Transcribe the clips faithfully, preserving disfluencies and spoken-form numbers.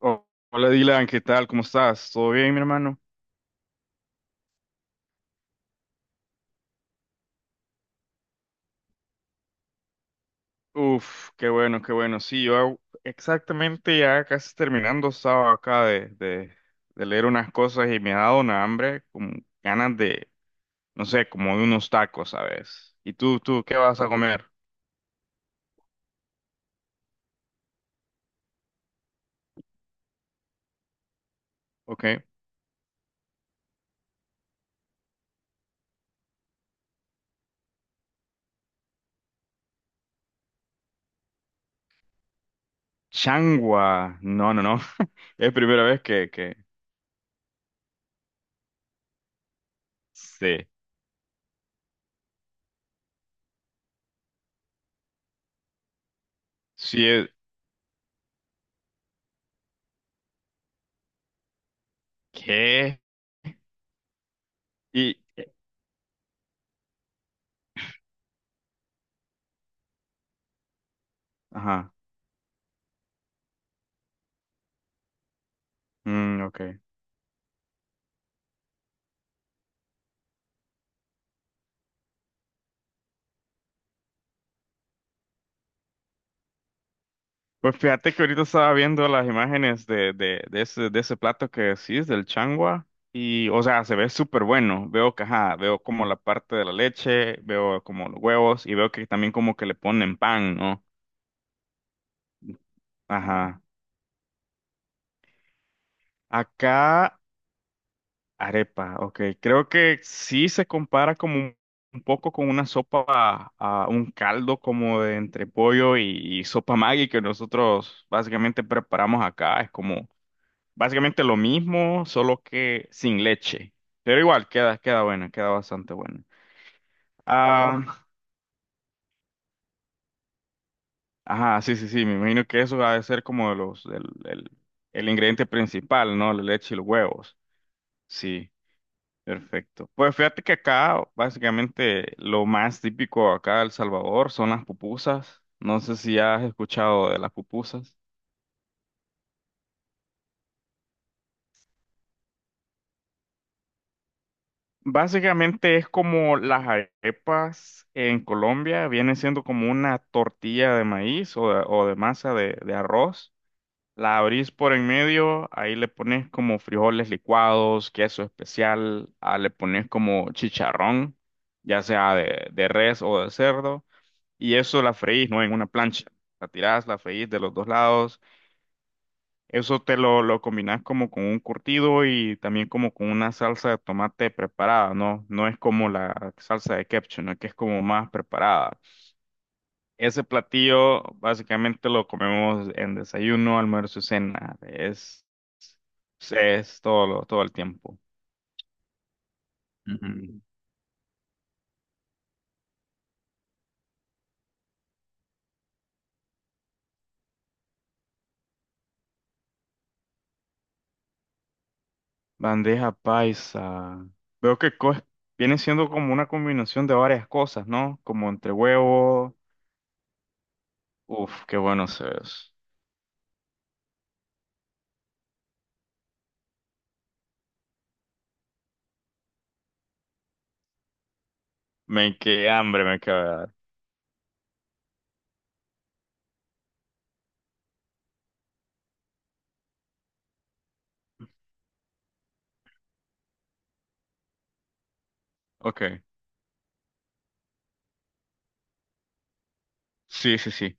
Oh, hola Dylan, ¿qué tal? ¿Cómo estás? ¿Todo bien, mi hermano? Uf, qué bueno, qué bueno. Sí, yo exactamente ya casi terminando, estaba acá de, de, de leer unas cosas y me ha dado una hambre, como ganas de, no sé, como de unos tacos, ¿sabes? ¿Y tú, tú, qué vas a comer? ¿Ok? Changua. No, no, no. Es primera vez que, que, sí. Sí, es, ¿qué? Y, ajá. Mm, ok. Pues fíjate que ahorita estaba viendo las imágenes de, de, de ese, de ese plato que decís, del changua, y, o sea, se ve súper bueno. Veo que, ajá, veo como la parte de la leche, veo como los huevos, y veo que también como que le ponen pan, ¿no? Ajá. Acá, arepa, ok. Creo que sí se compara como un, un poco con una sopa, a un caldo como de entre pollo y, y sopa Maggi que nosotros básicamente preparamos acá. Es como básicamente lo mismo, solo que sin leche. Pero igual, queda, queda buena, queda bastante buena. Ah, ajá, sí, sí, sí, me imagino que eso ha de ser como de los, el, el, el ingrediente principal, ¿no? La leche y los huevos. Sí, perfecto. Pues fíjate que acá, básicamente, lo más típico acá de El Salvador son las pupusas. No sé si has escuchado de las pupusas. Básicamente es como las arepas en Colombia, viene siendo como una tortilla de maíz o de, o de masa de, de arroz. La abrís por en medio, ahí le pones como frijoles licuados, queso especial, ah, le pones como chicharrón, ya sea de, de res o de cerdo, y eso la freís, ¿no? En una plancha. La tirás, la freís de los dos lados. Eso te lo, lo combinas como con un curtido y también como con una salsa de tomate preparada, ¿no? No es como la salsa de ketchup, ¿no? Que es como más preparada. Ese platillo básicamente lo comemos en desayuno, almuerzo y cena. Es, es todo, lo- todo el tiempo. Ujú. Bandeja paisa. Veo que co- viene siendo como una combinación de varias cosas, ¿no? Como entre huevo. Uf, qué bueno se ve eso. Me quedé hambre, me quedé. Ok. Sí, sí, sí.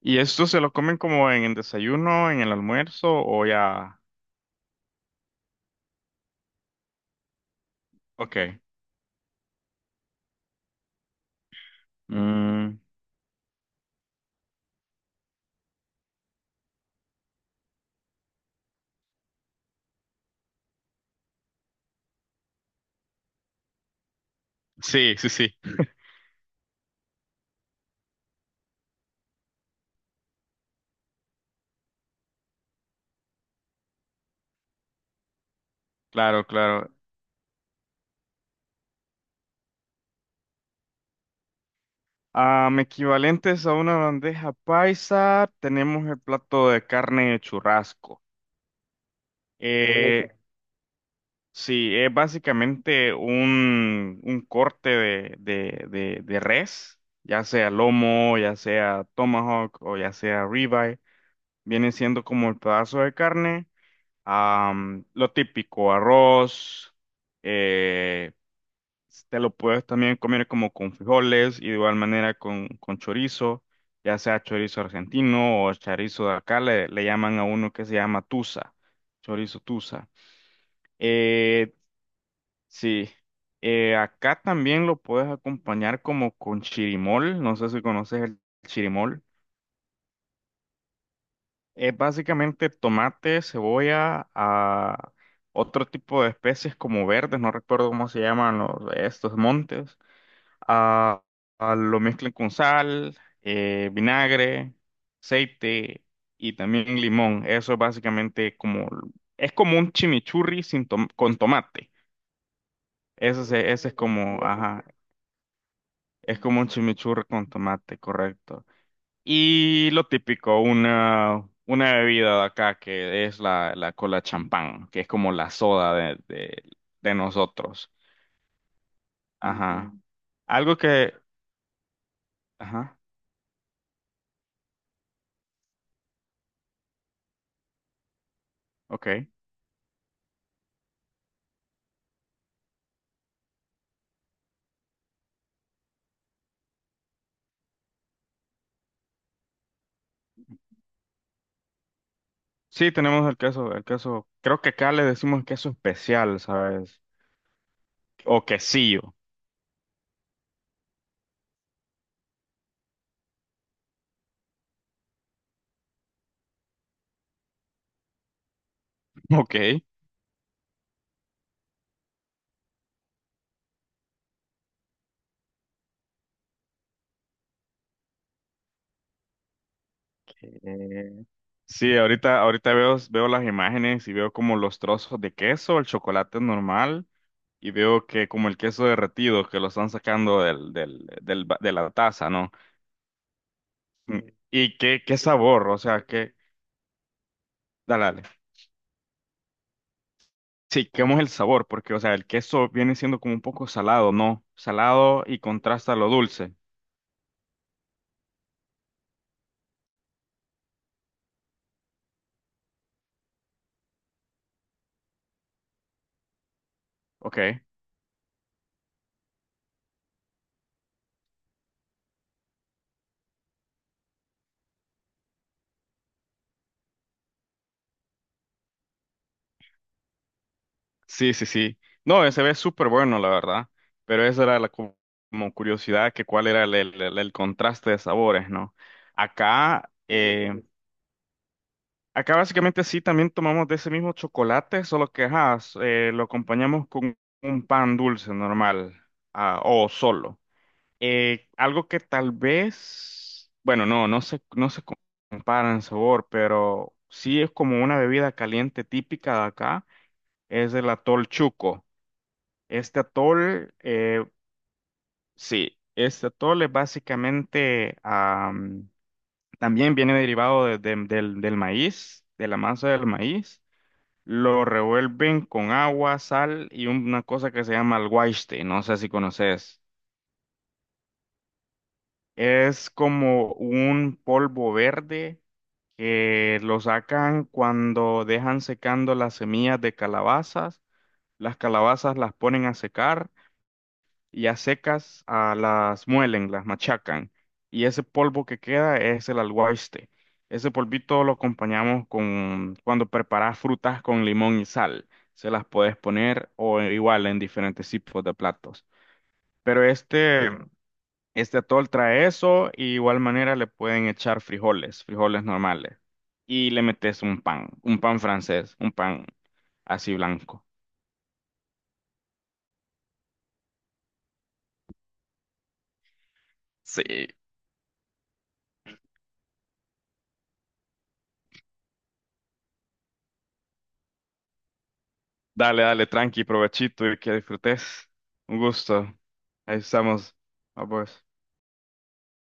¿Y esto se lo comen como en el desayuno, en el almuerzo o ya? Ok. Mm, sí, sí, sí. Claro, claro. Am, equivalentes a una bandeja paisa, tenemos el plato de carne de churrasco. Eh, Ok, sí, es básicamente un, un corte de, de, de, de res, ya sea lomo, ya sea tomahawk o ya sea ribeye. Viene siendo como el pedazo de carne. Am, lo típico, arroz, eh, te lo puedes también comer como con frijoles y de igual manera con, con chorizo, ya sea chorizo argentino o chorizo de acá, le, le llaman a uno que se llama tusa, chorizo tusa. Eh, sí, eh, acá también lo puedes acompañar como con chirimol, no sé si conoces el chirimol. Es básicamente tomate, cebolla, a otro tipo de especies como verdes, no recuerdo cómo se llaman los- estos montes. Ah, ah, lo mezclan con sal, eh, vinagre, aceite y también limón. Eso es básicamente como, es como un chimichurri sin tom- con tomate. Ese, es- ese es como, ajá, es como un chimichurri con tomate, correcto. Y lo típico, una, una bebida de acá que es la, la cola champán, que es como la soda de, de, de nosotros. Ajá. Mm. Algo que... Ajá, ok. Sí, tenemos el queso, el queso. Creo que acá le decimos queso especial, ¿sabes? O quesillo. Ok. Eh, Sí, ahorita, ahorita veo, veo las imágenes y veo como los trozos de queso, el chocolate normal. Y veo que como el queso derretido que lo están sacando del, del, del ba- de la taza, ¿no? Mm, sí. Y qué, qué sabor, o sea, que, dale, dale. Sí, ¿cómo es el sabor? Porque, o sea, el queso viene siendo como un poco salado, ¿no? Salado y contrasta lo dulce. Ok. Sí, sí, sí. No, se ve súper bueno, la verdad. Pero esa era la cu- como curiosidad que cuál era el, el- el- el contraste de sabores, ¿no? Acá, eh, acá básicamente sí, también tomamos de ese mismo chocolate, solo que ajá, s- eh, lo acompañamos con un pan dulce normal ah, o solo. Eh, algo que tal vez, bueno, no, no se, no se compara en sabor, pero sí es como una bebida caliente típica de acá, es el atol chuco. Este atol, eh, sí, este atol es básicamente, am, también viene derivado de- de- del, del maíz, de la masa del maíz. Lo revuelven con agua, sal y una cosa que se llama el alguaiste, no sé si conoces. Es como un polvo verde que lo sacan cuando dejan secando las semillas de calabazas. Las calabazas las ponen a secar y a secas ah, las muelen, las machacan. Y ese polvo que queda es el alguaiste. Ese polvito lo acompañamos con cuando preparas frutas con limón y sal. Se las puedes poner o igual en diferentes tipos de platos. Pero este, este atol trae eso y igual manera le pueden echar frijoles, frijoles normales. Y le metes un pan, un pan francés, un pan así blanco. Sí. Dale, dale, tranqui, provechito y que disfrutes. Un gusto. Ahí estamos. A vos.